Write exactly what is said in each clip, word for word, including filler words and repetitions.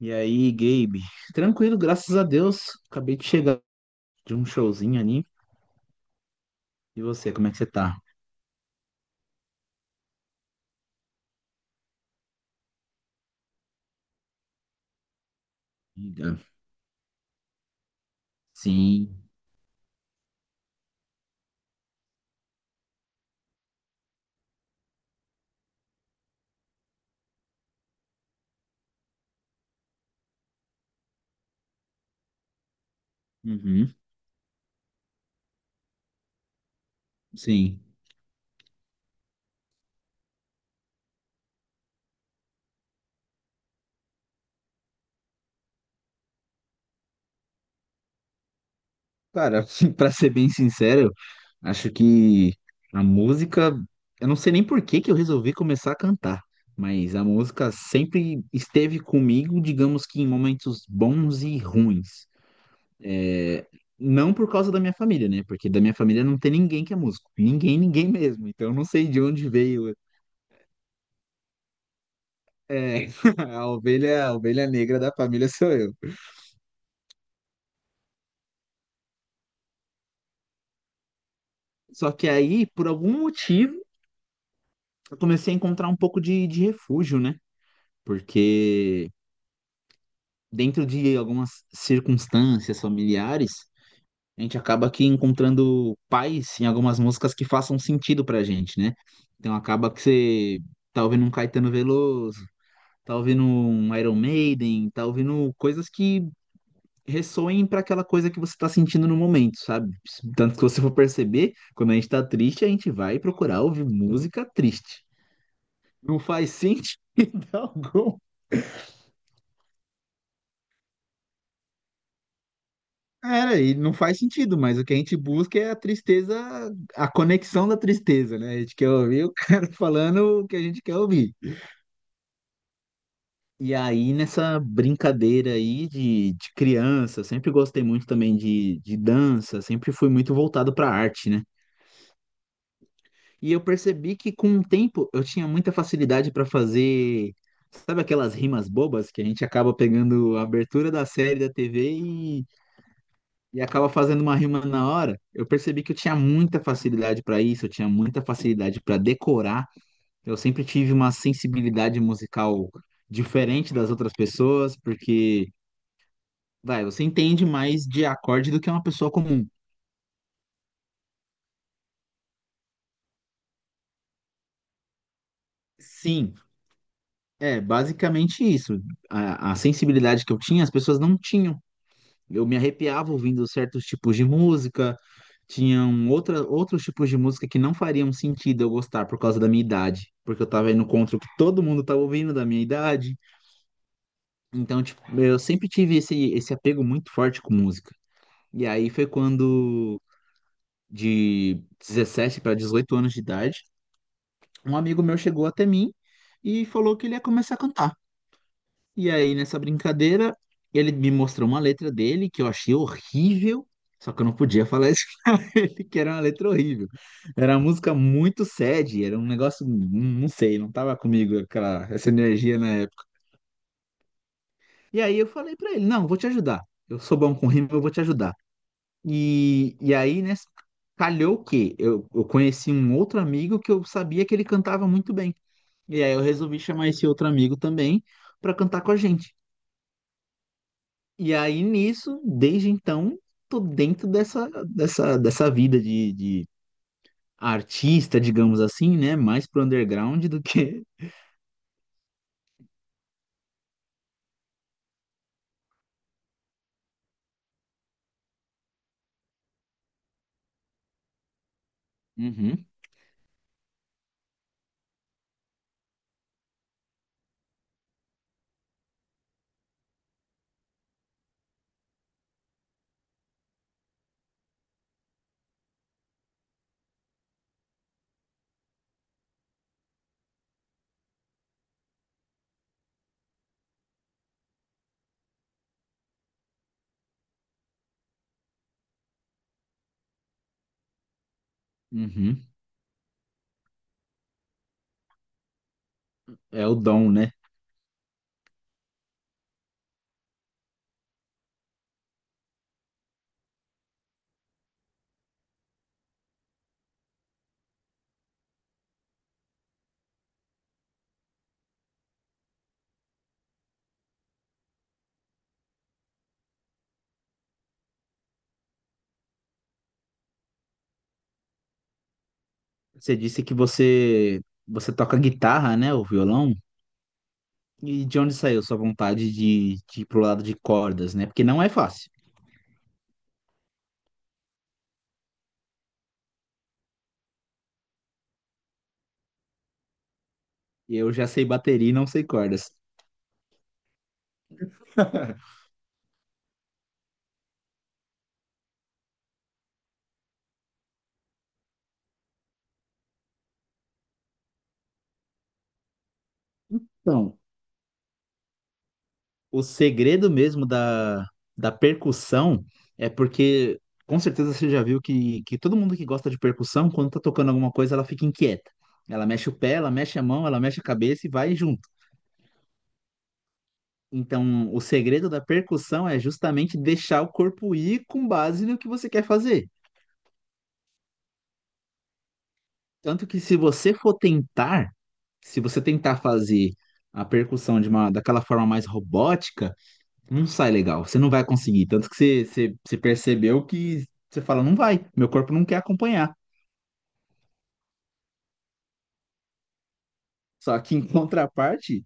E aí, Gabe? Tranquilo, graças a Deus. Acabei de chegar de um showzinho ali. E você, como é que você tá? Amiga. Sim. Uhum. Sim. Cara, pra ser bem sincero, acho que a música, eu não sei nem por que que eu resolvi começar a cantar, mas a música sempre esteve comigo, digamos que em momentos bons e ruins. É, não por causa da minha família, né? Porque da minha família não tem ninguém que é músico. Ninguém, ninguém mesmo. Então eu não sei de onde veio. É, a ovelha, a ovelha negra da família sou eu. Só que aí, por algum motivo, eu comecei a encontrar um pouco de, de refúgio, né? Porque dentro de algumas circunstâncias familiares, a gente acaba aqui encontrando pais em algumas músicas que façam sentido pra gente, né? Então acaba que você tá ouvindo um Caetano Veloso, tá ouvindo um Iron Maiden, tá ouvindo coisas que ressoem para aquela coisa que você está sentindo no momento, sabe? Tanto que você for perceber, quando a gente está triste, a gente vai procurar ouvir música triste. Não faz sentido algum. Cara, e não faz sentido, mas o que a gente busca é a tristeza, a conexão da tristeza, né? A gente quer ouvir o cara falando o que a gente quer ouvir. E aí, nessa brincadeira aí de, de criança, sempre gostei muito também de, de dança, sempre fui muito voltado para arte, né? E eu percebi que com o tempo eu tinha muita facilidade para fazer, sabe aquelas rimas bobas que a gente acaba pegando a abertura da série da T V e, e acaba fazendo uma rima na hora? Eu percebi que eu tinha muita facilidade para isso, eu tinha muita facilidade para decorar. Eu sempre tive uma sensibilidade musical diferente das outras pessoas, porque, vai, você entende mais de acorde do que uma pessoa comum. Sim, é basicamente isso. A, a sensibilidade que eu tinha, as pessoas não tinham. Eu me arrepiava ouvindo certos tipos de música, tinham outra, outros tipos de música que não fariam sentido eu gostar por causa da minha idade, porque eu tava indo contra o que todo mundo tava ouvindo da minha idade. Então, tipo, eu sempre tive esse, esse apego muito forte com música. E aí foi quando, de dezessete para dezoito anos de idade, um amigo meu chegou até mim e falou que ele ia começar a cantar. E aí, nessa brincadeira, ele me mostrou uma letra dele que eu achei horrível, só que eu não podia falar que era uma letra horrível. Era uma música muito sad, era um negócio, hum, não sei, não tava comigo aquela, essa energia na época. E aí eu falei pra ele, não, vou te ajudar. Eu sou bom com rima, eu vou te ajudar. E, e aí, né, calhou que eu, eu conheci um outro amigo que eu sabia que ele cantava muito bem. E aí eu resolvi chamar esse outro amigo também pra cantar com a gente. E aí nisso, desde então, tô dentro dessa, dessa, dessa vida de, de artista, digamos assim, né? Mais pro underground do que. Uhum, uhum. É o dom, né? Você disse que você você toca guitarra, né? O violão. E de onde saiu sua vontade de, de ir pro lado de cordas, né? Porque não é fácil. Eu já sei bateria e não sei cordas. Então, o segredo mesmo da, da percussão é porque, com certeza, você já viu que, que todo mundo que gosta de percussão, quando tá tocando alguma coisa, ela fica inquieta. Ela mexe o pé, ela mexe a mão, ela mexe a cabeça e vai junto. Então, o segredo da percussão é justamente deixar o corpo ir com base no que você quer fazer. Tanto que se você for tentar, se você tentar fazer a percussão de uma, daquela forma mais robótica, não sai legal, você não vai conseguir. Tanto que você, você, você percebeu que você fala, não vai, meu corpo não quer acompanhar. Só que em contraparte,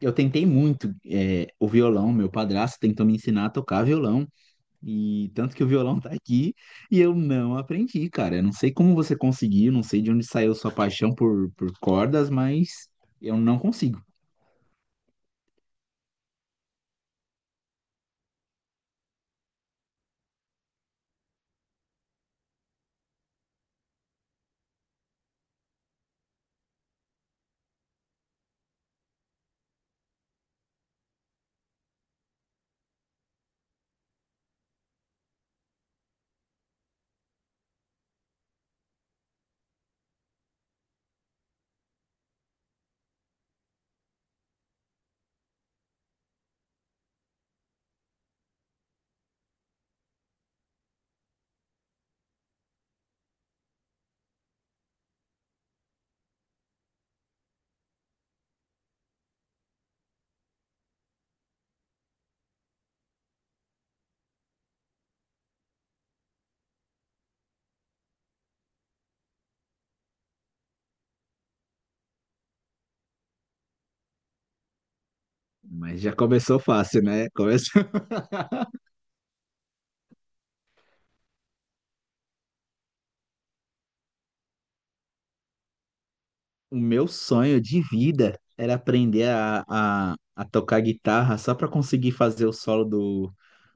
eu tentei muito, é, o violão, meu padrasto tentou me ensinar a tocar violão. E tanto que o violão tá aqui e eu não aprendi, cara. Eu não sei como você conseguiu, não sei de onde saiu sua paixão por, por cordas, mas eu não consigo. Mas já começou fácil, né? Começou. O meu sonho de vida era aprender a, a, a tocar guitarra só pra conseguir fazer o solo do,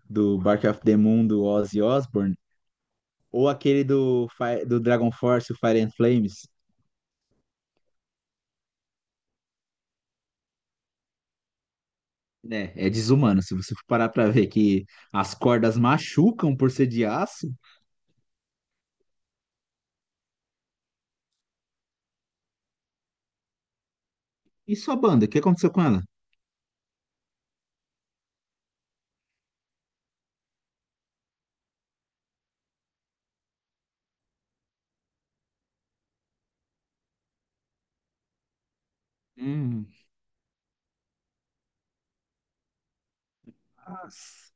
do Bark of the Moon do Ozzy Osbourne ou aquele do, Fi- do Dragon Force, o Fire and Flames. Né, é desumano. Se você for parar pra ver que as cordas machucam por ser de aço. E sua banda? O que aconteceu com ela? Hum, as-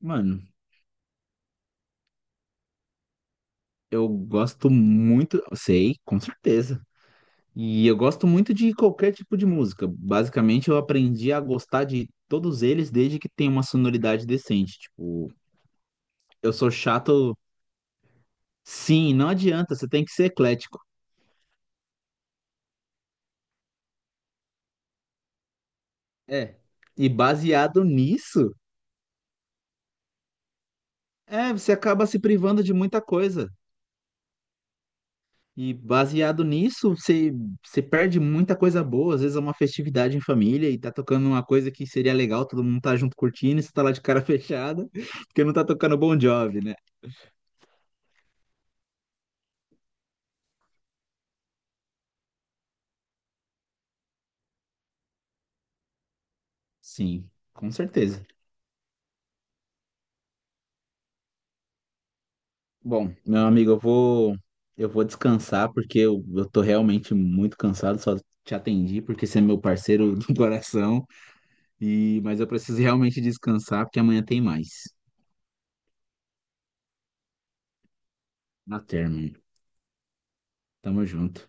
mano, eu gosto muito, sei, com certeza. E eu gosto muito de qualquer tipo de música. Basicamente, eu aprendi a gostar de todos eles desde que tenha uma sonoridade decente. Tipo, eu sou chato, sim, não adianta, você tem que ser eclético. É. E baseado nisso, é, você acaba se privando de muita coisa. E baseado nisso, você, você perde muita coisa boa. Às vezes é uma festividade em família e tá tocando uma coisa que seria legal, todo mundo tá junto curtindo, e você tá lá de cara fechada, porque não tá tocando Bon Jovi, né? Sim, com certeza. Bom, meu amigo, eu vou eu vou descansar porque eu, eu tô realmente muito cansado, só te atendi porque você é meu parceiro do coração e mas eu preciso realmente descansar porque amanhã tem mais. Na termo. Tamo junto.